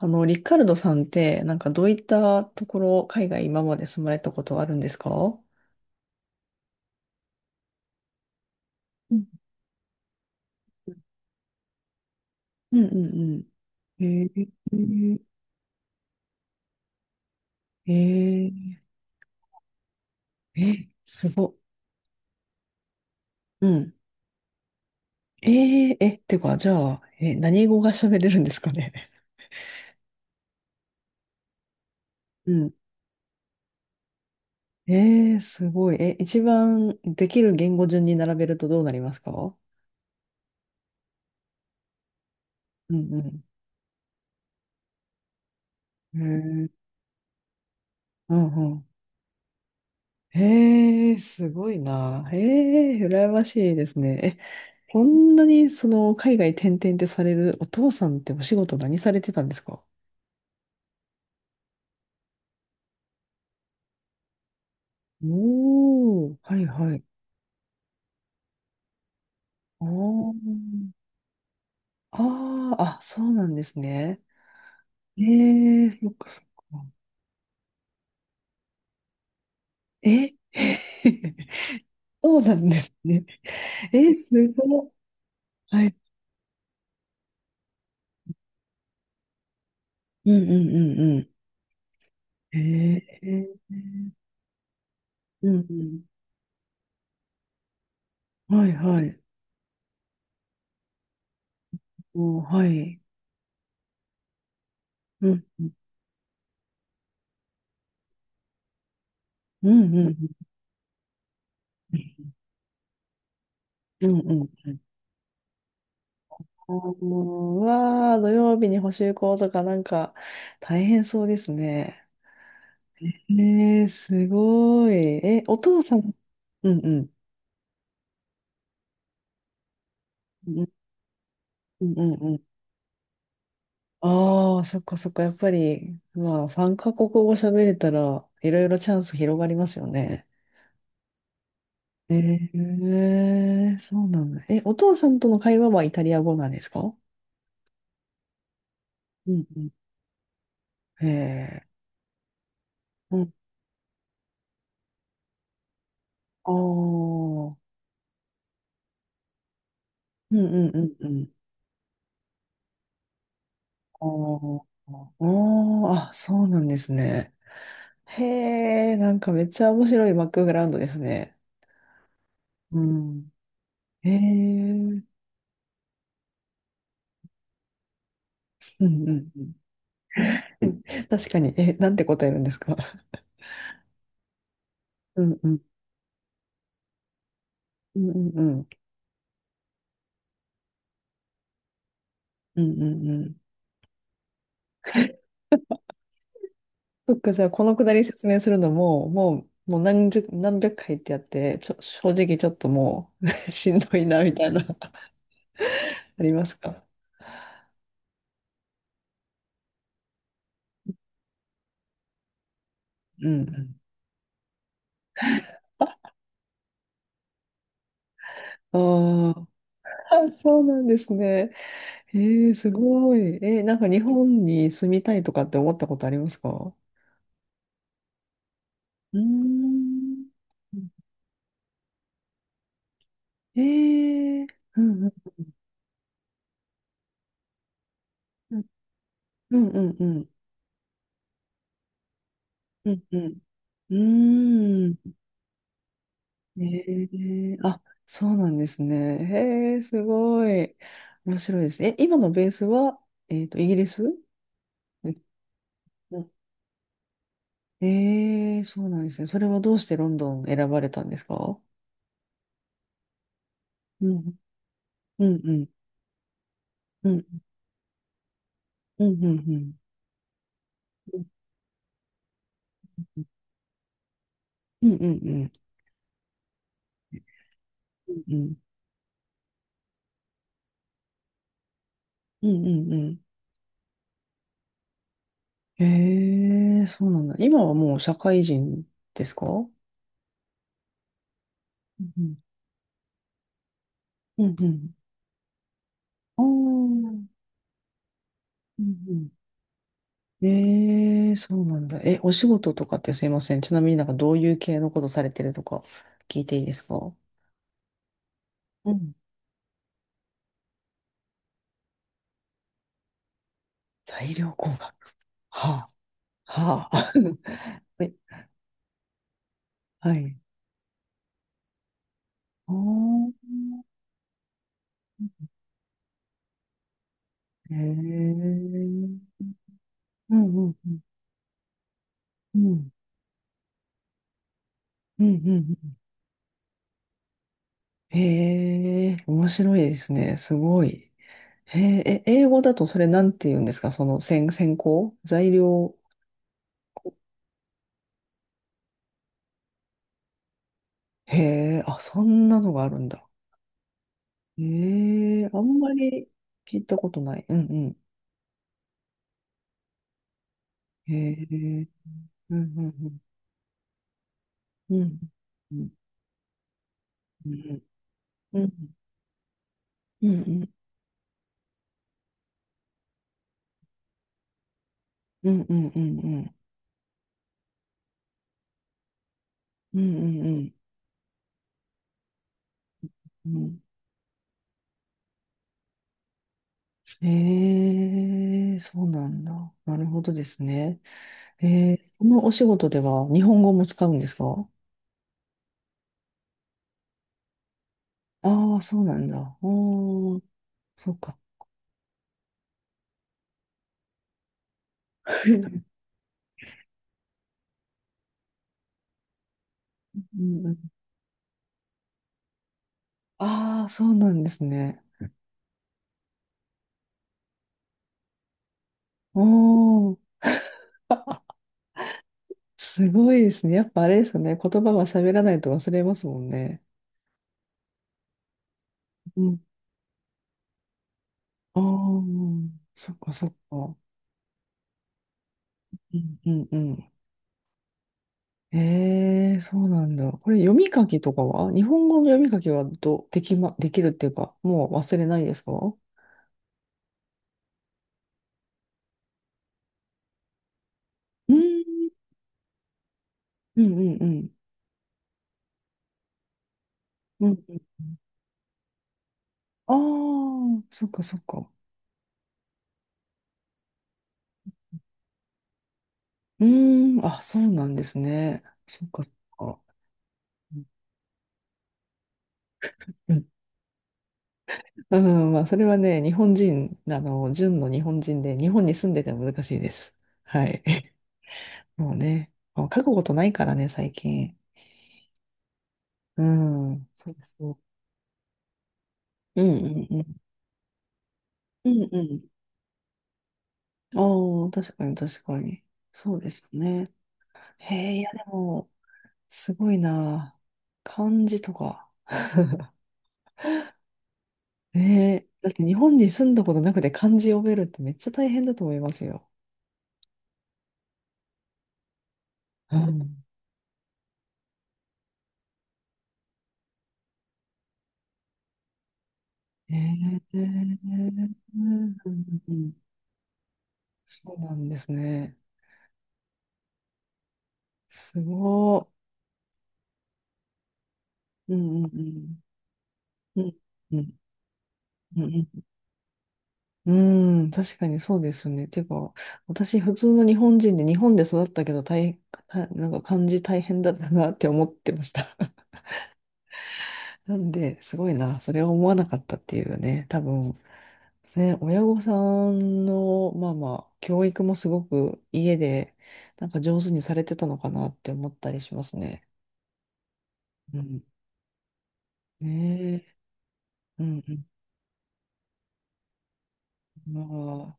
リカルドさんって、なんかどういったところ、海外今まで住まれたことあるんですか？うんうんうんうん。えー、えー、え、すご。うん。えー、え、てか、じゃあ、え、何語が喋れるんですかね。うん。えー、すごい。え、一番できる言語順に並べるとどうなりますか？うんうん。えー、うんうん。へえ、すごいな。へえ、羨ましいですね。え、こんなにその海外転々ってされるお父さんってお仕事何されてたんですか？おー、はいはい。あーあー、あ、そうなんですね。ええ、そっかそっか。え そうなんですね。え、すごい。はい。うんうんうんうん。へえ、うんうん。はいはい。おー、はい。うんうんうんうんうんうんうん。あー、うわあ、土曜日に補習校とかなんか大変そうですね。えー、すごい。え、お父さん、うんうん。うんうんうんうん。ああ、そっかそっか。やっぱり、まあ、3カ国語喋れたら、いろいろチャンス広がりますよね。えー、そうなんだ。え、お父さんとの会話はイタリア語なんですか？うんうん。へえ、うん。ああ、うんうんうんうん。あーあー、あ、そうなんですね。へえ、なんかめっちゃ面白いバックグラウンドですね。うん。へえ、うんうんうん。うん、確かに、え、なんて答えるんですか？うんうん。うんうんうん。うんうんうん。そっか、じゃあ、このくだり説明するのも、もう何十、何百回ってやって、正直ちょっともう しんどいな、みたいな、ありますか？うんうん。あー、あ、そうなんですね。へえ、すごい。えなんか日本に住みたいとかって思ったことありますか？うーん。ええ、うんうんうんうんうんうんうんうんうーん、ええ、あ、そうなんですね。へえ、すごい。面白いです。え、今のベースは、イギリスですか？ええ、そうなんですね。それはどうしてロンドン選ばれたんですか？うんうんうんうんうんうんうんうんうんうんうん。うんうんうん。へえ、そうなんだ。今はもう社会人ですか？うんうん。うんうん。ああ。うんうん。ええ、そうなんだ。え、お仕事とかってすいません。ちなみになんかどういう系のことされてるとか聞いていいですか？うん。材料工学。はあ、はあ。はい。はい。ああ。へえ。うんうんうん。うんうんうん。へえ、面白いですね。すごい。へえ、え、英語だとそれなんて言うんですか？その先行材料。へえ、あ、そんなのがあるんだ。へえ、あんまり聞いたことない。うんうん。へえ、うんうんうん。うんうんうんうんうんうんうんうんうんうんうん。へえ、そうなんだ。なるほどですね。えー、そのお仕事では日本語も使うんですか？ああ、そうなんだ。おー、そうか。うんうん、ああ、そうなんですね。おー、すごいですね。やっぱあれですよね。言葉は喋らないと忘れますもんね。うん。ああ、そっかそっか。うんうんうん。ええ、そうなんだ。これ読み書きとかは日本語の読み書きはど、できま、できるっていうか、もう忘れないですか？うんうんうんうん。うんうん。ああ、そっかそっか。うーん、あ、そうなんですね。そっかそっか。うん、うん、まあ、それはね、日本人、純の日本人で、日本に住んでても難しいです。はい。もうね、もう書くことないからね、最近。うん、そうですね。そう、うんうんうん。うんうん。ああ、確かに確かに。そうですよね。へえ、いやでも、すごいな。漢字とか。ねえ。だって日本に住んだことなくて漢字読めるってめっちゃ大変だと思いますよ。えー、うんうんうん、そうなんですね。すごい。うんうんうん。うんうんうんうん、うん、確かにそうですね。てか、私、普通の日本人で、日本で育ったけど大変、なんか漢字大変だったなって思ってました。なんで、すごいな、それは思わなかったっていうね、多分、ね、親御さんの、まあまあ、教育もすごく家で、なんか上手にされてたのかなって思ったりしますね。うん。ねえ。うんうん。まあ、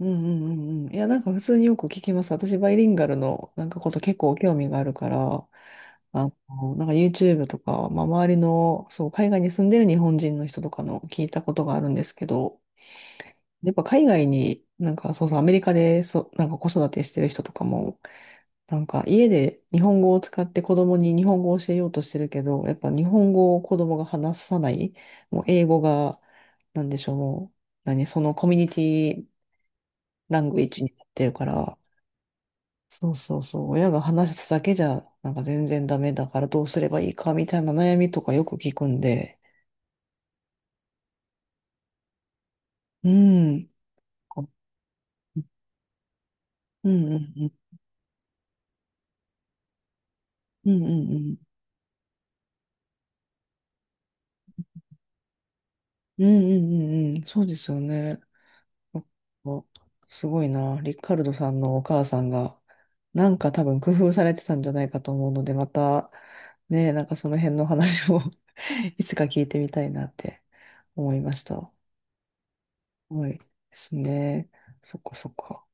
うんうんうんうん。いや、なんか普通によく聞きます。私、バイリンガルのなんかこと結構興味があるから、なんか YouTube とか、まあ、周りの、そう、海外に住んでる日本人の人とかの聞いたことがあるんですけど、やっぱ海外になんか、そうそう、アメリカで、そう、なんか子育てしてる人とかもなんか家で日本語を使って子供に日本語を教えようとしてるけど、やっぱ日本語を子供が話さない、もう英語が、なんでしょう、もう、何、そのコミュニティラングエッジになってるから、そうそうそう、親が話すだけじゃ、なんか全然ダメだからどうすればいいかみたいな悩みとかよく聞くんで、うん、うんうんうん、うんうんうん、うんうんうんうん、そうですよね。おすごいな。リカルドさんのお母さんが、なんか多分工夫されてたんじゃないかと思うので、また、ね、なんかその辺の話を いつか聞いてみたいなって思いました。はい。ですね。そっかそっか。